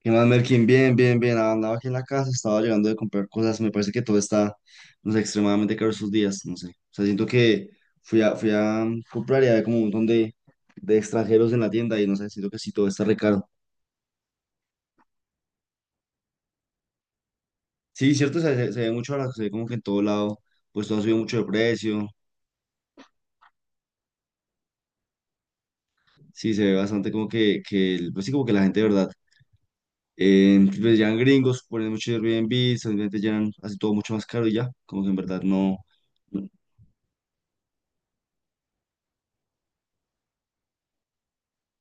¿Qué más, Merkin? Bien, bien, bien. Andaba aquí en la casa, estaba llegando de comprar cosas. Me parece que todo está, no sé, extremadamente caro estos días, no sé. O sea, siento que fui a comprar y había como un montón de extranjeros en la tienda y no sé, siento que sí, todo está re caro. Sí, cierto, se ve mucho ahora, se ve como que en todo lado, pues todo ha subido mucho de precio. Sí, se ve bastante como que pues sí, como que la gente, de ¿verdad? Pues llegan gringos, ponen mucho Airbnb, simplemente llenan así todo mucho más caro y ya, como que en verdad no.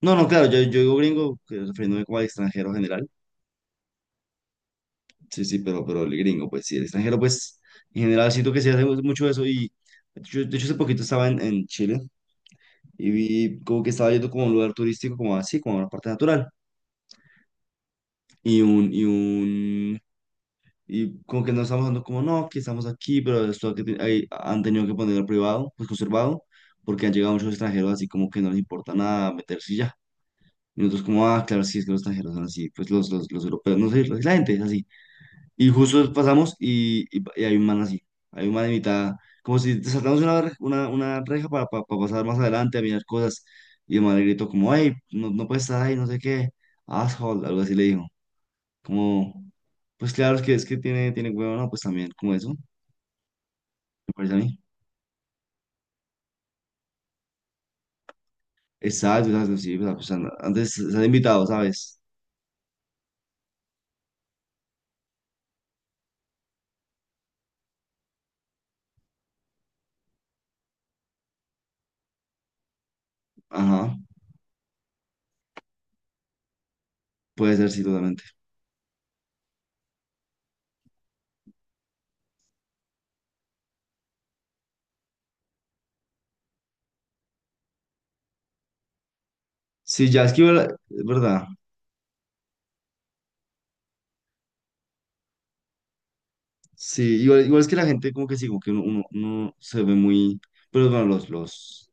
No, no, claro, yo digo gringo, que refiriéndome como al extranjero en general. Sí, sí, pero el gringo, pues sí, el extranjero, pues en general siento que se hace mucho eso. Y yo, de hecho, hace poquito estaba en Chile y vi como que estaba yendo como a un lugar turístico, como así, como a una parte natural. Y un, y un, y como que nos estamos dando como, no, que estamos aquí, pero esto ahí han tenido que ponerlo privado, pues conservado, porque han llegado muchos extranjeros así como que no les importa nada meterse y ya. Y nosotros como, ah, claro, sí, es que los extranjeros son así, pues los europeos, no sé, la gente es así. Y justo pasamos y hay un man así, hay un man de mitad, como si saltamos una reja para pasar más adelante a mirar cosas. Y el man le gritó como, hey, no, no puedes estar ahí, no sé qué, asshole, algo así le dijo. Como, pues claro, es que tiene huevo, no, pues también, como eso, me parece a mí. Exacto, exacto, sí, pues, antes se han invitado, ¿sabes? Ajá, puede ser, sí, totalmente. Sí, ya es que igual, es verdad, sí, igual, es que la gente como que sí, como que uno se ve muy. Pero bueno, los, los,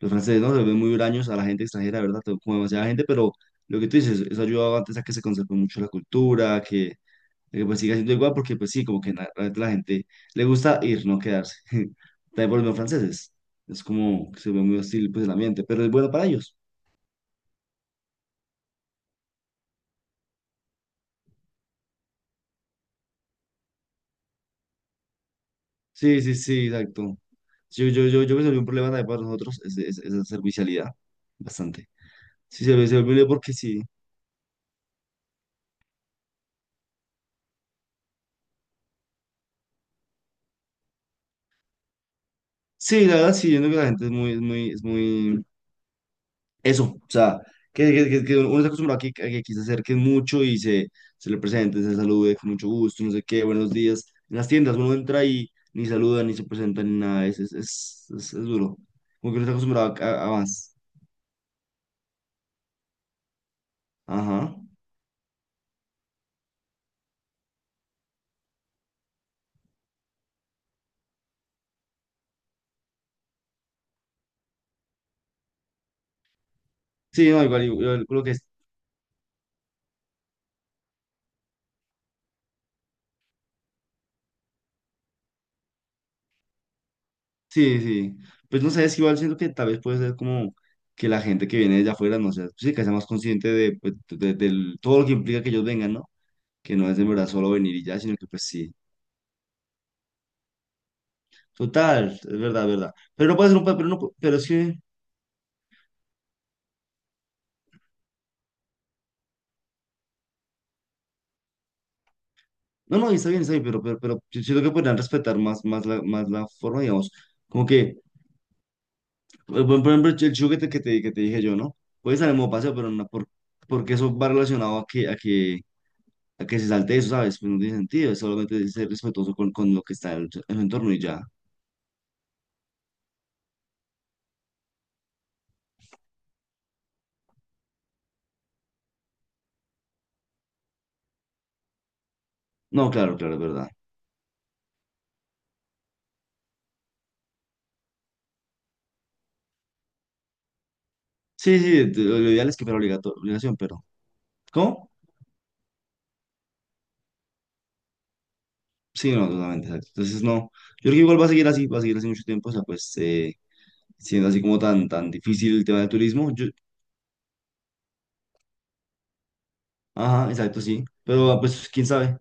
Los franceses no se ven muy huraños a la gente extranjera, ¿verdad? Como demasiada gente, pero lo que tú dices, eso ha ayudado antes a que se conserve mucho la cultura, de que pues siga siendo igual, porque pues sí, como que realmente la gente le gusta ir, no quedarse. También por los mismos franceses. Es como que se ve muy hostil pues el ambiente, pero es bueno para ellos. Sí, sí, sí, exacto. Yo creo que un problema también para nosotros es la servicialidad, bastante. Sí, se ve muy bien porque sí. Sí, la verdad, sí, yo creo que la gente es muy, es muy, es muy. Eso, o sea, uno se acostumbra a que aquí se acerquen mucho y se le presenten, se salude con mucho gusto, no sé qué, buenos días. En las tiendas uno entra y ni saluda, ni se presenta, ni nada, es duro. Como que uno está acostumbrado a más. Ajá. Sí, no, igual, creo que sí, sí. Pues no sé, es que igual siento que tal vez puede ser como que la gente que viene de afuera, no sé, sí, que sea más consciente pues, todo lo que implica que ellos vengan, ¿no? Que no es de verdad solo venir y ya, sino que pues sí. Total, es verdad, es verdad. Pero no puede ser un pero no, pero sí. No, no, y está bien, pero, pero yo siento que podrían respetar más, más la forma, digamos. Como que, por ejemplo, el juguete que te dije yo, ¿no? Puede salir como paseo, pero no, porque eso va relacionado a que, a que se salte eso, ¿sabes? Pues no tiene sentido, es solamente ser respetuoso con lo que está en el entorno y ya. No, claro, claro, es verdad. Sí, sí, lo ideal es que fuera obligación, pero. ¿Cómo? Sí, no, totalmente, exacto. Entonces, no, yo creo que igual va a seguir así, va a seguir así mucho tiempo, o sea, pues siendo así como tan, tan difícil el tema del turismo, yo, ajá, exacto, sí, pero ah, pues quién sabe,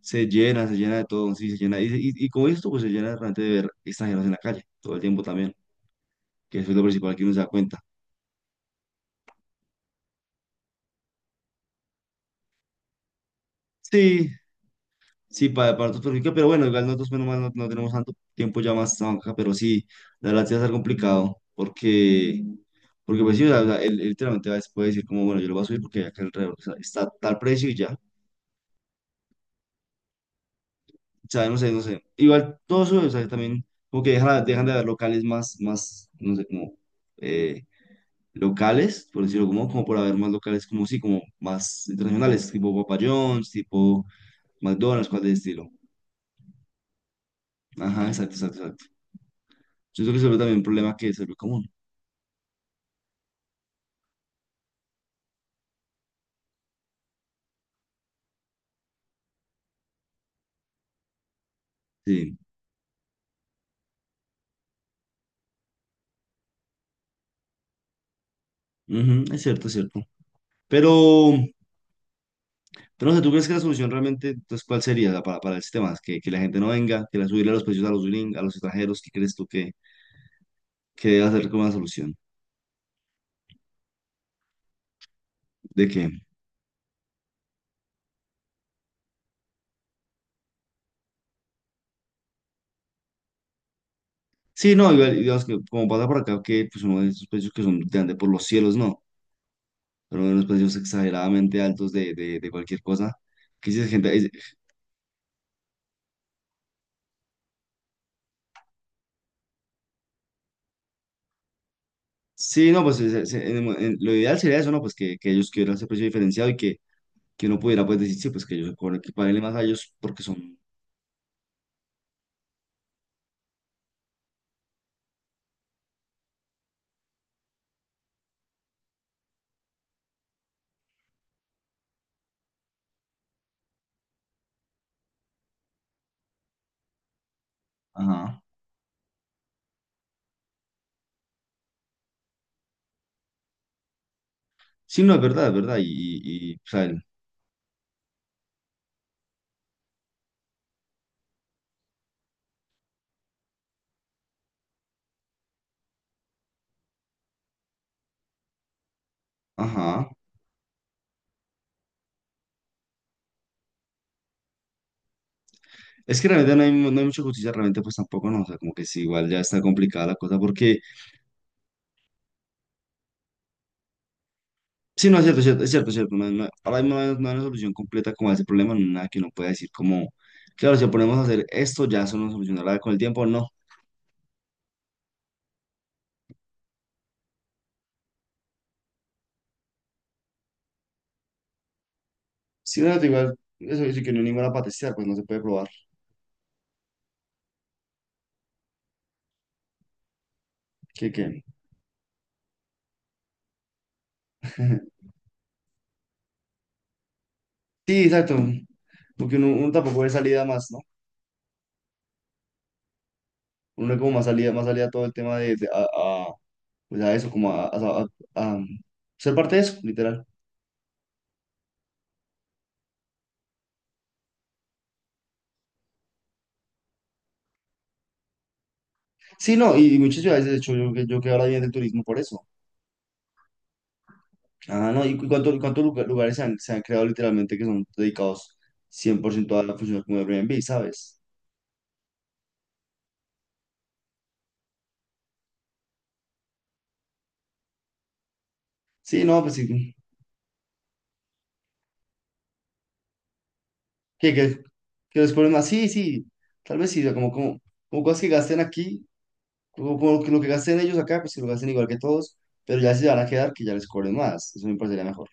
se llena de todo, sí, se llena, y como esto, pues se llena realmente de ver extranjeros en la calle, todo el tiempo también, que eso es lo principal que uno se da cuenta. Sí, sí, para otros perjudica, pero bueno, igual nosotros menos mal no, no tenemos tanto tiempo ya más esta banca, pero sí, la verdad sí va a ser complicado, porque, pues sí, o sea, él literalmente va, puede decir como, bueno, yo lo voy a subir porque acá alrededor está tal precio y ya, o sea, no sé, igual todo sube, o sea, también como que dejan de haber locales más, más no sé, como eh, locales, por decirlo como por haber más locales como sí, como más internacionales, tipo Papa John's, tipo McDonald's, cosas de estilo. Ajá, exacto, exacto, exacto. Yo creo que se ve también un problema que se ve como. Sí, ujú, es cierto, es cierto. Pero, pero no sé, ¿tú crees que la solución realmente, entonces, cuál sería para el sistema? ¿Que la gente no venga, que la subirle los precios a los gringos, a los extranjeros? ¿Qué crees tú que debe hacer como una solución? ¿De qué? Sí, no, igual, digamos que como pasa por acá, que pues uno de esos precios que son de ande por los cielos, no, pero unos precios exageradamente altos de cualquier cosa. Que si es gente, sí, no, pues en el mo- en- lo ideal sería eso, ¿no? Pues que ellos quieran ese precio diferenciado y que uno pudiera pues decir, sí, pues que ellos cobren, que paguenle más a ellos porque son. Ajá. Sí, no, es verdad, es verdad. O sea, ajá. Es que realmente no hay mucha justicia, realmente, pues tampoco, no. O sea, como que sí, igual ya está complicada la cosa, porque sí, no, es cierto, es cierto, es cierto. Es cierto, no, ahora mismo no hay una solución completa como a ese problema, no hay nada que uno pueda decir, como, claro, si ponemos a hacer esto, ya eso nos solucionará con el tiempo, no. Sí, no, igual, eso dice que no hay ninguna para testear, pues no se puede probar. ¿Qué, qué? Sí, exacto. Porque uno tampoco ve salida más, ¿no? Uno ve como más salida a todo el tema a, pues a eso, como a ser parte de eso, literal. Sí, no, y muchas ciudades, de hecho, yo que ahora viene del turismo por eso. Ah, no, ¿y cuántos lugares se han creado literalmente que son dedicados 100% a la función como Airbnb, ¿sabes? Sí, no, pues sí, que, que, que los ponen más, sí, sí, tal vez sí, o sea, como cosas que gasten aquí, como que lo que gasten ellos acá, pues que lo gasten igual que todos, pero ya si se van a quedar, que ya les cobren más, eso me parecería mejor.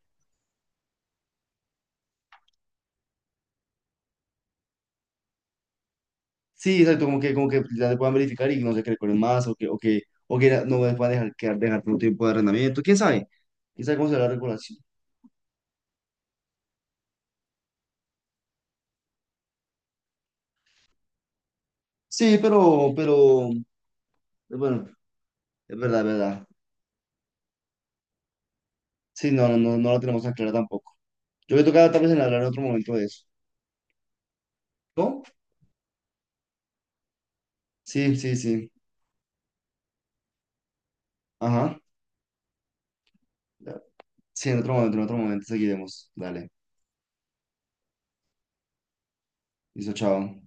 Sí, exacto, como que ya se puedan verificar y no sé, que recuerden más o que, no les puedan dejar, quedar, dejar por un tiempo de arrendamiento, quién sabe cómo será la regulación. Sí, pero, bueno, es verdad, es verdad. Sí, no, no, no, no lo tenemos tan claro tampoco. Yo creo que toca tal vez en hablar en otro momento de eso. ¿No? Sí, sí, sí. Ajá. Sí, en otro momento seguiremos. Dale. Listo, chao.